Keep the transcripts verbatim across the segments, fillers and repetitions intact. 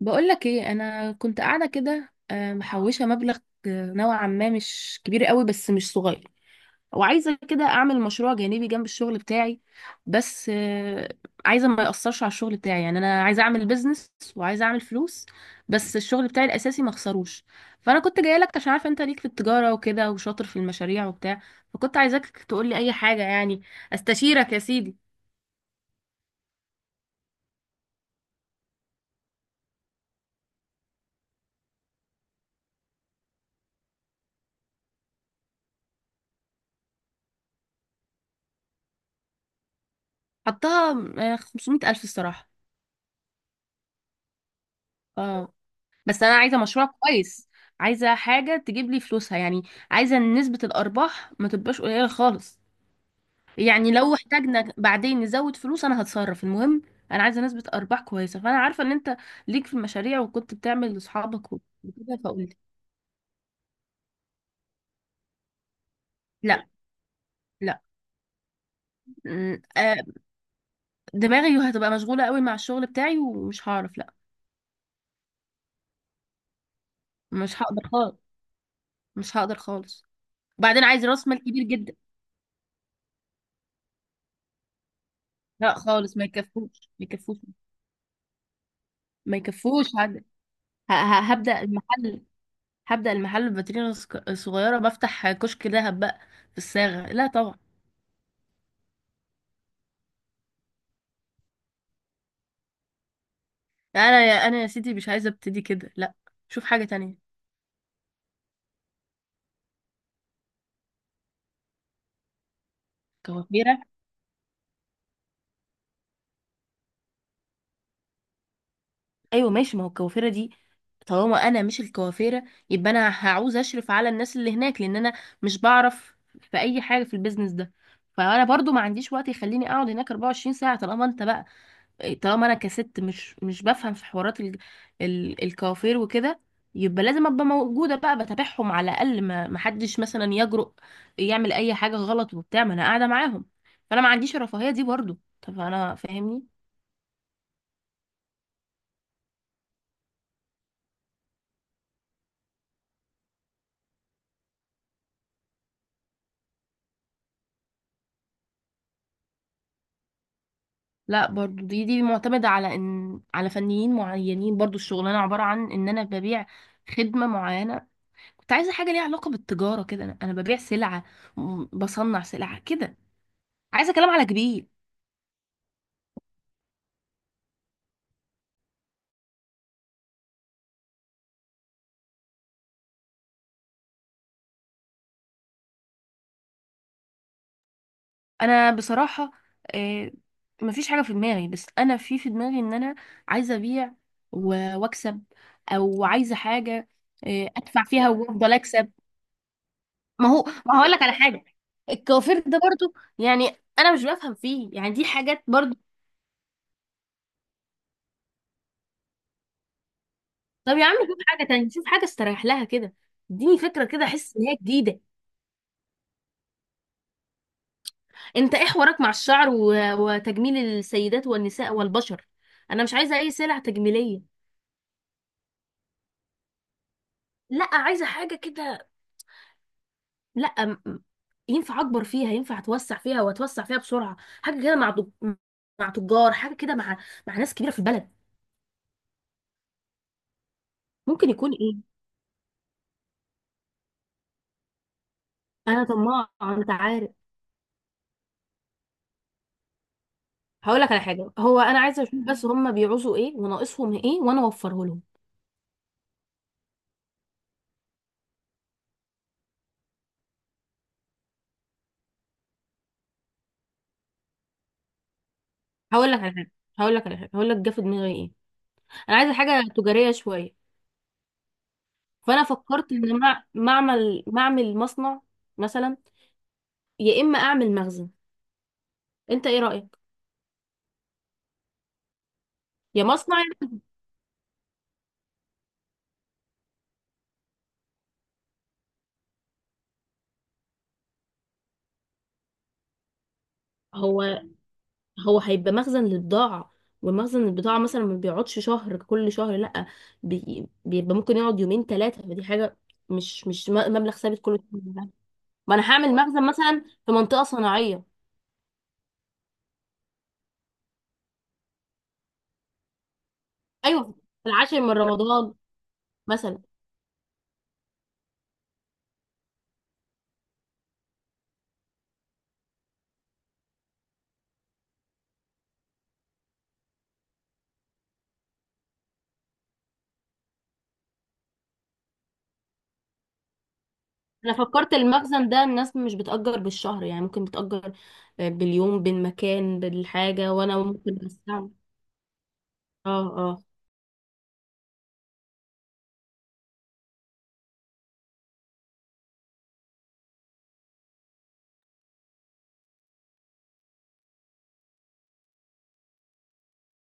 بقولك ايه، انا كنت قاعده كده، آه، محوشه مبلغ. آه، نوعا ما مش كبير قوي، بس مش صغير. وعايزه كده اعمل مشروع جانبي جنب الشغل بتاعي. بس آه، عايزه ما ياثرش على الشغل بتاعي. يعني انا عايزه اعمل بيزنس وعايزه اعمل فلوس، بس الشغل بتاعي الاساسي ما اخسروش. فانا كنت جايه لك عشان عارفه انت ليك في التجاره وكده، وشاطر في المشاريع وبتاع. فكنت عايزاك تقول لي اي حاجه، يعني استشيرك يا سيدي. حطها آه، خمسمائة الف الصراحه. اه. بس انا عايزه مشروع كويس، عايزه حاجه تجيب لي فلوسها يعني. عايزه إن نسبه الارباح ما تبقاش قليله خالص. يعني لو احتاجنا بعدين نزود فلوس، انا هتصرف. المهم انا عايزه نسبه ارباح كويسه، فانا عارفه ان انت ليك في المشاريع وكنت بتعمل لاصحابك وكده، فقلت لا، لا، م- آه، دماغي هتبقى مشغوله قوي مع الشغل بتاعي ومش هعرف. لا، مش هقدر خالص، مش هقدر خالص. وبعدين عايز راس مال كبير جدا. لا خالص، ما يكفوش، ما يكفوش. ما يكفوش. هعد- ه- ه- هبدأ المحل. هبدأ المحل بفاتورة صغ- صغيرة، بفتح كشك دهب بقى في الصاغة؟ لا طبعا. انا يا انا يا سيدي مش عايزة ابتدي كده، لا. شوف حاجة تانية. كوافيرة؟ ايوه ماشي، ما هو الكوافيرة دي طالما انا مش الكوافيرة، يبقى انا هعوز اشرف على الناس اللي هناك، لان انا مش بعرف في اي حاجة في البيزنس ده. فانا برضو ما عنديش وقت يخليني اقعد هناك اربعه وعشرين ساعة. طالما انت بقى، طالما انا كست مش مش بفهم في حوارات ال... ال... الكوافير وكده، يبقى لازم ابقى موجوده بقى بتابعهم على الاقل، ما ما حدش مثلا يجرؤ يعمل اي حاجه غلط وبتاع ما انا قاعده معاهم. فانا ما عنديش الرفاهيه دي برضو. طب انا، فاهمني؟ لا برضو، دي دي معتمده على ان على فنيين معينين. برضو الشغلانه عباره عن ان انا ببيع خدمه معينه. كنت عايزه حاجه ليها علاقه بالتجاره كده. انا أنا ببيع سلعه، م- بصنع سلعه كده. عايزه كلام على كبير. انا بصراحه آه، مفيش حاجه في دماغي، بس انا في في دماغي ان انا عايزه ابيع و- واكسب. او عايزه حاجه آه، ادفع فيها وافضل اكسب. ما هو، ما هقول لك على حاجه؟ الكوافير ده برضو يعني انا مش بفهم فيه، يعني دي حاجات برضو. طب يا عم شوف حاجه تانية، شوف حاجه استريح لها كده. اديني فكره كده، احس ان هي جديده. انت ايه حوارك مع الشعر و- وتجميل السيدات والنساء والبشر؟ انا مش عايزه اي سلع تجميليه. لا، عايزه حاجه كده. لا، م- ينفع اكبر فيها، ينفع اتوسع فيها واتوسع فيها بسرعه. حاجه كده مع تج- مع تجار، حاجه كده مع مع ناس كبيره في البلد. ممكن يكون ايه؟ انا طماعه انت عارف. هقول لك على حاجه. هو انا عايزه اشوف بس هم بيعوزوا ايه وناقصهم ايه، وانا اوفره لهم. هقول لك على حاجه هقول لك على حاجه هقول لك جه في دماغي ايه. انا عايزه حاجه تجاريه شويه. فانا فكرت ان مع- معمل معمل مصنع مثلا، يا اما اعمل مخزن. انت ايه رايك؟ يا مصنع. هو هو هيبقى مخزن للبضاعة، ومخزن البضاعة مثلا ما بيقعدش شهر كل شهر، لأ. بي- بيبقى ممكن يقعد يومين ثلاثة، فدي حاجة مش مش م- مبلغ ثابت كل شهر، لا. ما أنا هعمل مخزن مثلا في منطقة صناعية. أيوة، في العاشر من رمضان مثلا. أنا فكرت المخزن ده الناس مش بتأجر بالشهر، يعني ممكن بتأجر آه، باليوم بالمكان بالحاجة، وأنا ممكن أستعمل. اه، اه.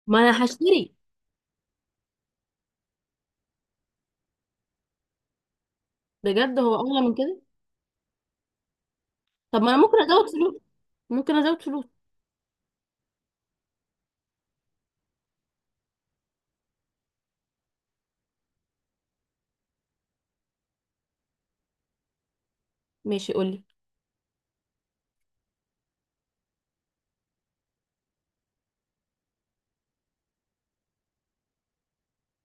ما أنا هشتري. بجد هو أغلى من كده. طب ما أنا ممكن أزود فلوس، ممكن أزود فلوس. ماشي، قولي.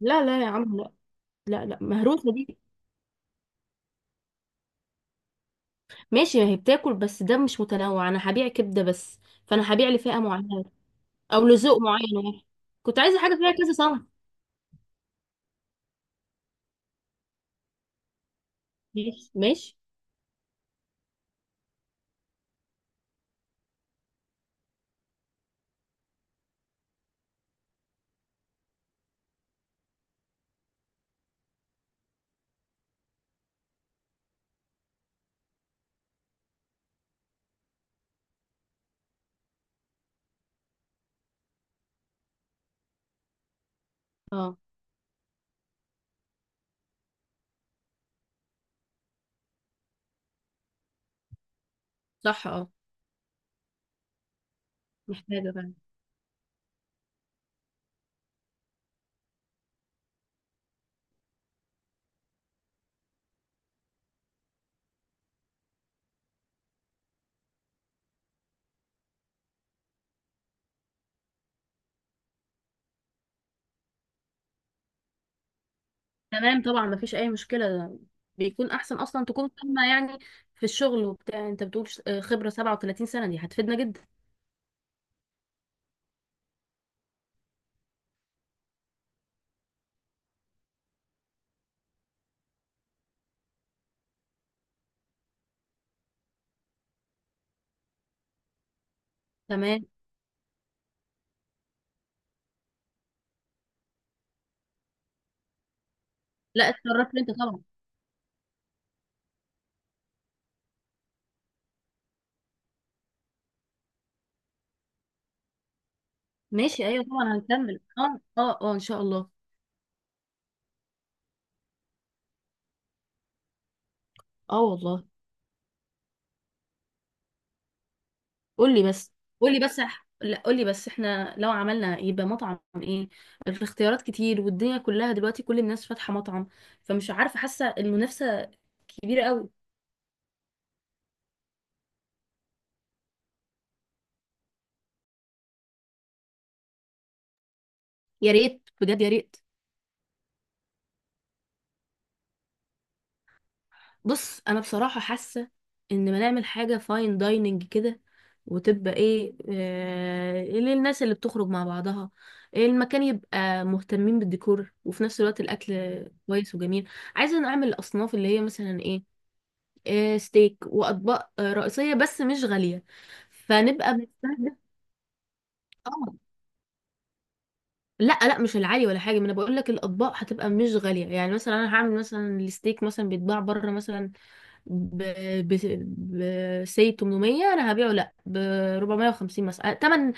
لا، لا يا عم، لا. لا، لا مهروسة دي. ماشي، ما هي بتاكل، بس ده مش متنوع، انا هبيع كبدة بس، فانا هبيع لفئة معينة او لذوق معين واحد. كنت عايزة حاجة فيها كذا صنف. ماشي، ماشي. اه، صح، اه. محتاجة فعلا. تمام طبعا، ما فيش اي مشكلة ده، بيكون احسن اصلا تكون فاهمة يعني في الشغل وبتاع. انت بتقول ش- آه، خبرة سبعه وتلاتين سنة دي هتفيدنا جدا. تمام. لا، اتشرفت انت طبعا. ماشي، ايوه طبعا هنكمل. اه، اه، اه، ان شاء الله. اه والله. قولي بس قولي بس إح- لا، قولي بس، احنا لو عملنا يبقى مطعم ايه؟ الاختيارات كتير والدنيا كلها دلوقتي كل الناس فاتحة مطعم، فمش عارفة، حاسة المنافسة كبيرة قوي. يا ريت، بجد يا ريت. بص، انا بصراحة حاسة ان ما نعمل حاجة فاين دايننج كده، وتبقى ايه آه للناس اللي بتخرج مع بعضها، المكان يبقى مهتمين بالديكور وفي نفس الوقت الاكل كويس وجميل. عايزة اعمل الاصناف اللي هي مثلا ايه؟ آه، ستيك واطباق آه، رئيسيه بس مش غاليه، فنبقى بنستهدف. اه. لا، لا مش العالي ولا حاجه، ما انا بقول لك الاطباق هتبقى مش غاليه. يعني مثلا انا هعمل مثلا الستيك مثلا بيتباع بره مثلا ب ب ب سي تمنميه، انا هبيعه لا ب اربعميه وخمسين مثلا آه، تمن.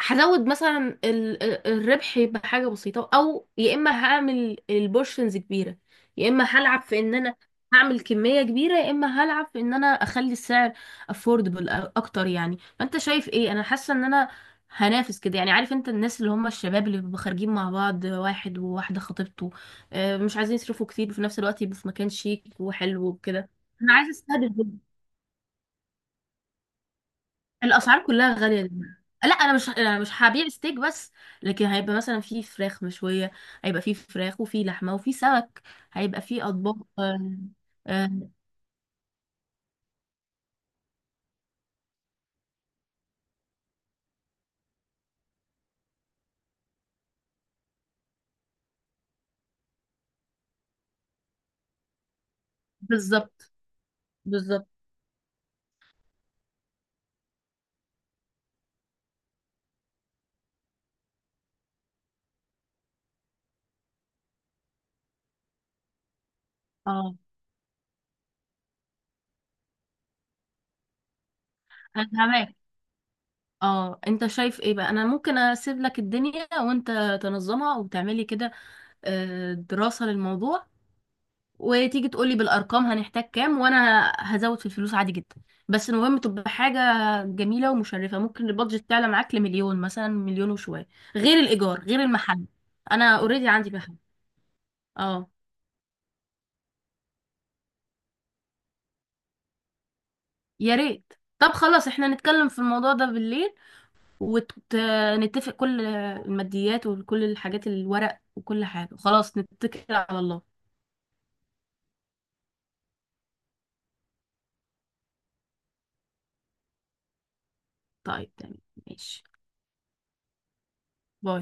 هزود مثلا ال- ال- الربح يبقى حاجه بسيطه. او يا اما هعمل البورشنز كبيره، يا اما هلعب في ان انا هعمل كميه كبيره، يا اما هلعب في ان انا اخلي السعر افوردبل اكتر يعني. فانت شايف ايه؟ انا حاسه ان انا هنافس كده يعني. عارف انت الناس اللي هم الشباب اللي بيبقوا خارجين مع بعض، واحد وواحده خطيبته، آه، مش عايزين يصرفوا كتير وفي نفس الوقت يبقوا في مكان شيك وحلو وكده. انا عايزه استهدف جدا، الاسعار كلها غاليه جدا. لا، انا مش أنا مش هبيع ستيك بس، لكن هيبقى مثلا في فراخ مشويه. هيبقى في فراخ وفي لحمه وفي سمك، هيبقى في اطباق. آه، آه، بالظبط، بالظبط. اه انا فاهمك. اه، انت شايف ايه بقى؟ انا ممكن اسيب لك الدنيا وانت تنظمها وتعملي كده آه، دراسه للموضوع، وتيجي تقولي بالارقام هنحتاج كام، وانا هزود في الفلوس عادي جدا. بس المهم تبقى حاجه جميله ومشرفه. ممكن البادجت تعلى معاك لمليون مثلا، مليون وشويه، غير الايجار غير المحل. انا اوريدي عندي محل. اه، يا ريت. طب خلاص احنا نتكلم في الموضوع ده بالليل، ونتفق كل الماديات وكل الحاجات الورق وكل حاجه. خلاص نتكل على الله. طيب، تمام. ماشي. باي.